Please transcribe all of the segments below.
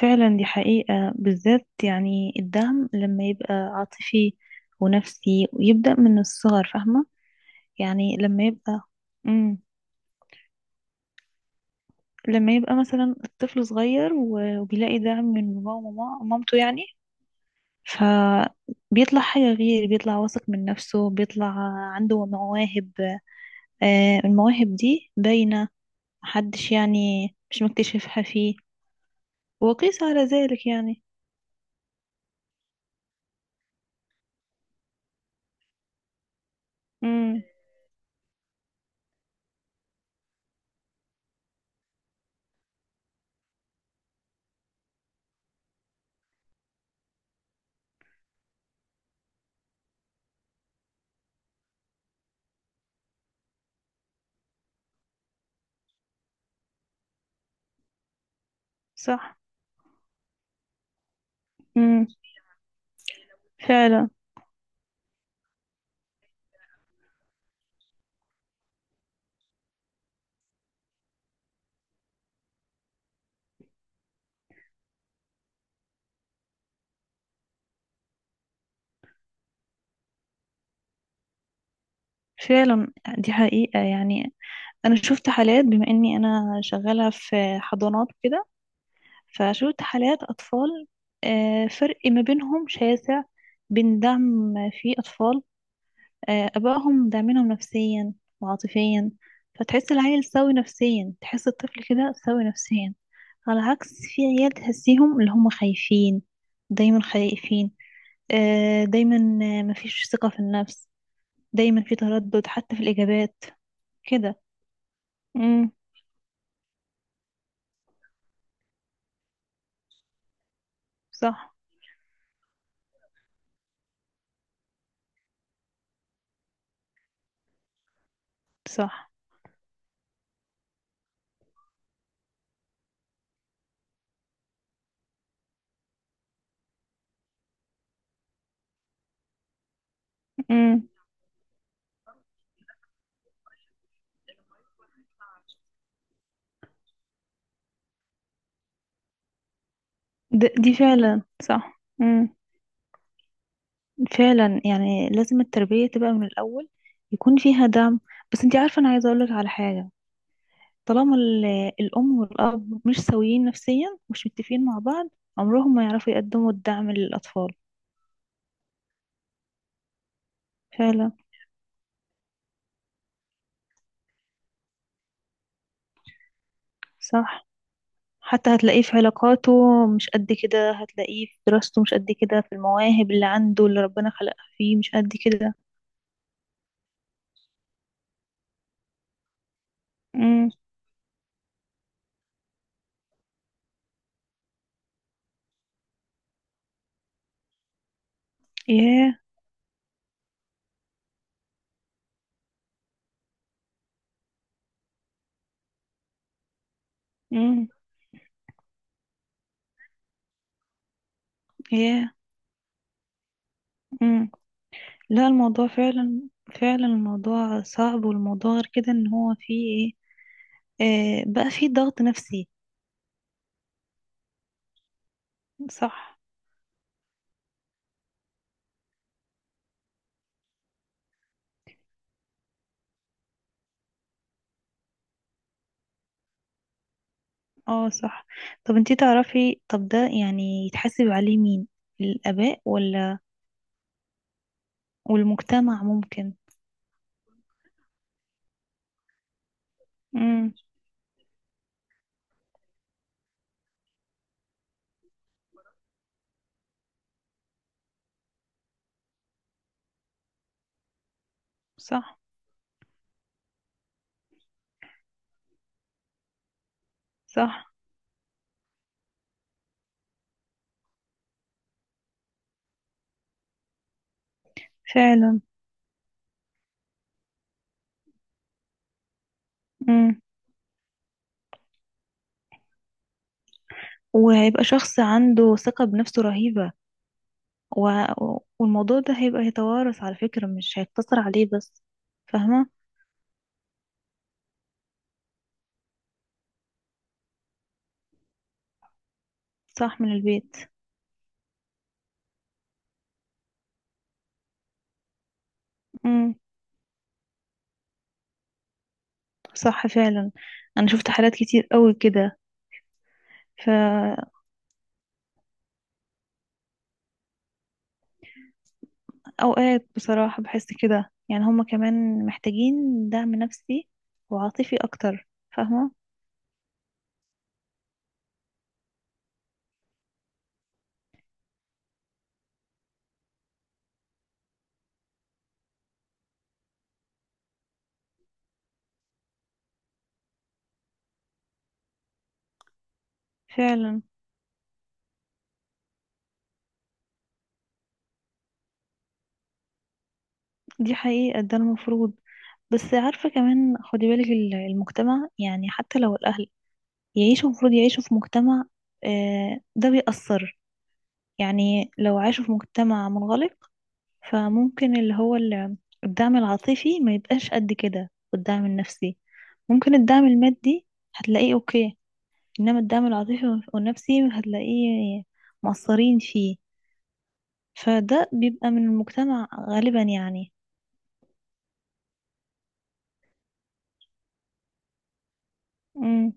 فعلا، دي حقيقة، بالذات يعني الدعم لما يبقى عاطفي ونفسي ويبدأ من الصغر، فاهمة. يعني لما يبقى. مم. لما يبقى مثلا الطفل صغير وبيلاقي دعم من باباه ومامته يعني. فبيطلع حاجة غير، بيطلع واثق من نفسه، بيطلع عنده مواهب. المواهب دي باينة، محدش يعني مش مكتشفها فيه. وقيس على ذلك يعني. مم. صح. مم. فعلا. فعلا دي حقيقة يعني، أنا شفت حالات بما إني أنا شغالة في حضانات وكده. فشفت حالات أطفال، فرق ما بينهم شاسع، بين دعم، في أطفال آبائهم داعمينهم نفسيا وعاطفيا. فتحس العيل سوي نفسيا، تحس الطفل كده سوي نفسيا. على عكس في عيال تحسيهم اللي هم خايفين، دايما خايفين، دايما، مفيش ثقة في النفس، دايما في تردد حتى في الإجابات كده. امم. صح. صح، امم. دي فعلا صح، امم. فعلا يعني لازم التربية تبقى من الأول، يكون فيها دعم. بس انتي عارفة، أنا عايزة أقولك على حاجة. طالما الأم والأب مش سويين نفسيا، مش متفقين مع بعض، عمرهم ما يعرفوا يقدموا الدعم للأطفال. فعلا. صح. حتى هتلاقيه في علاقاته، مش قد كده، هتلاقيه في دراسته مش قد كده، في المواهب اللي عنده اللي ربنا خلقها فيه مش قد كده. امم. ياه. امم. ياه. امم. لا، الموضوع فعلا. فعلا الموضوع صعب، والموضوع غير كده، ان هو فيه ايه، بقى فيه ضغط نفسي. صح. اه، صح. طب انتي تعرفي، طب ده يعني يتحاسب عليه مين، الآباء ولا والمجتمع ممكن؟ امم. صح. صح فعلا. امم. وهيبقى شخص عنده ثقة بنفسه رهيبة و... والموضوع ده هيبقى يتوارث على فكرة، مش هيقتصر عليه بس، فاهمة. صح، من البيت. امم. صح فعلا، انا شفت حالات كتير قوي كده. فاوقات. بصراحة بحس كده، يعني هما كمان محتاجين دعم نفسي وعاطفي اكتر، فاهمة. فعلا دي حقيقة، ده المفروض. بس عارفة كمان خدي بالك، المجتمع يعني، حتى لو الاهل يعيشوا، المفروض يعيشوا في مجتمع، ده بيأثر. يعني لو عاشوا في مجتمع منغلق، فممكن اللي هو الدعم العاطفي ما يبقاش قد كده، والدعم النفسي. ممكن الدعم المادي هتلاقيه اوكي، انما الدعم العاطفي والنفسي هتلاقيه مقصرين فيه. فده بيبقى من المجتمع غالبا يعني. امم.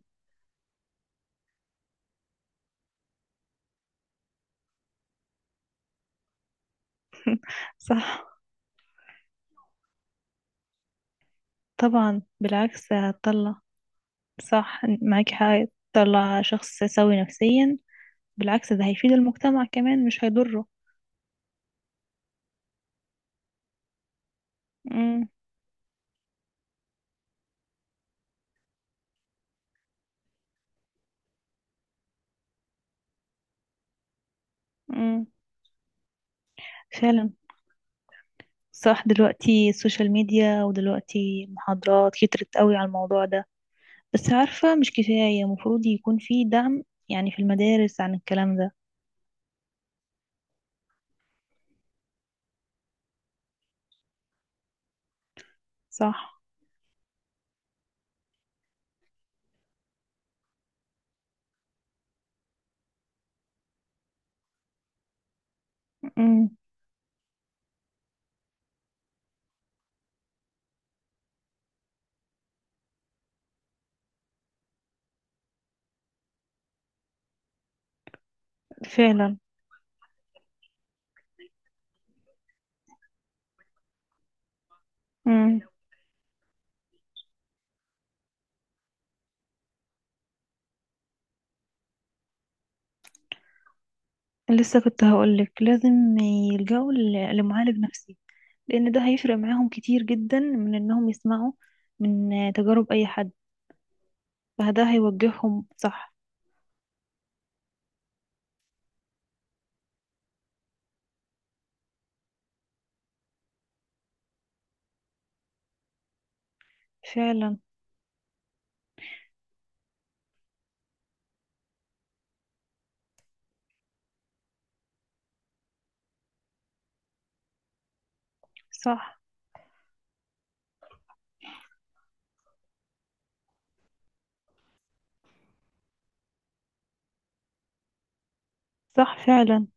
صح. طبعا، بالعكس هتطلع. صح، معاكي حق، تطلع شخص سوي نفسيا، بالعكس ده هيفيد المجتمع كمان مش هيضره. امم. امم. فعلا صح، دلوقتي السوشيال ميديا، ودلوقتي محاضرات كترت قوي على الموضوع ده. بس عارفة مش كفاية، المفروض يكون في دعم يعني في المدارس عن الكلام ده. صح. امم. فعلا. امم. لسه كنت هقولك لازم يلجأوا لمعالج نفسي، لأن ده هيفرق معاهم كتير جدا من إنهم يسمعوا من تجارب أي حد، فده هيوجههم صح. فعلا. صح. صح فعلا،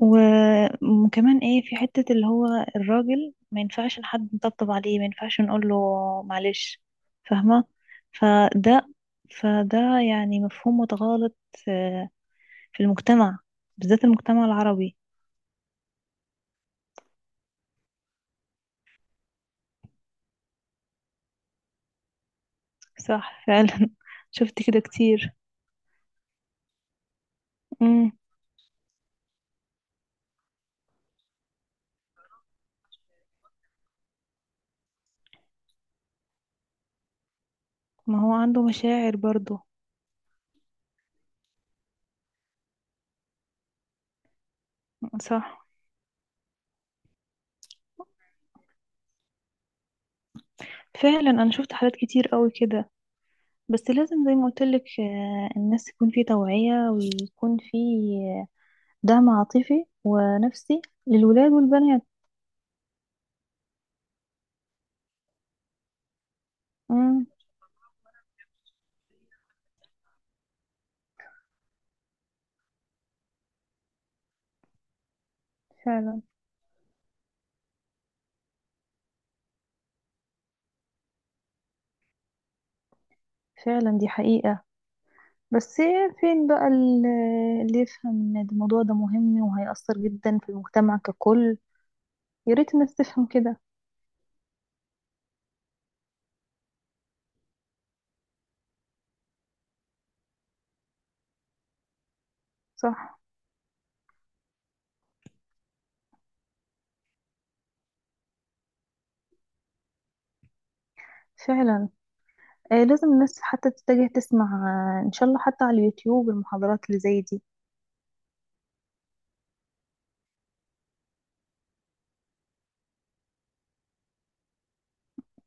و- وكمان ايه، في حتة اللي هو الراجل ما ينفعش حد نطبطب عليه، ما ينفعش نقول له معلش، فاهمة. فده فده يعني مفهوم متغالط آه، في المجتمع، بالذات المجتمع العربي. صح فعلا شفت كده كتير. مم. ما هو عنده مشاعر برضو. صح فعلا، انا شفت حالات كتير قوي كده، بس لازم زي ما قلت لك، الناس يكون في توعية، ويكون في دعم عاطفي ونفسي للولاد والبنات. امم. فعلا. فعلا دي حقيقة، بس فين بقى اللي يفهم ان الموضوع ده مهم وهيأثر جدا في المجتمع ككل، يا ريت الناس تفهم كده. صح. فعلا. لازم الناس حتى تتجه تسمع، ان شاء الله حتى على اليوتيوب المحاضرات اللي زي دي.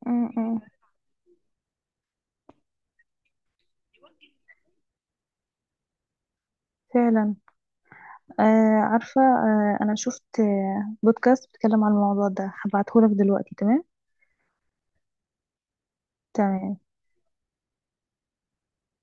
امم. فعلا. آه عارفة، أنا شفت بودكاست بيتكلم عن الموضوع ده، هبعتهولك دلوقتي، تمام. تمام.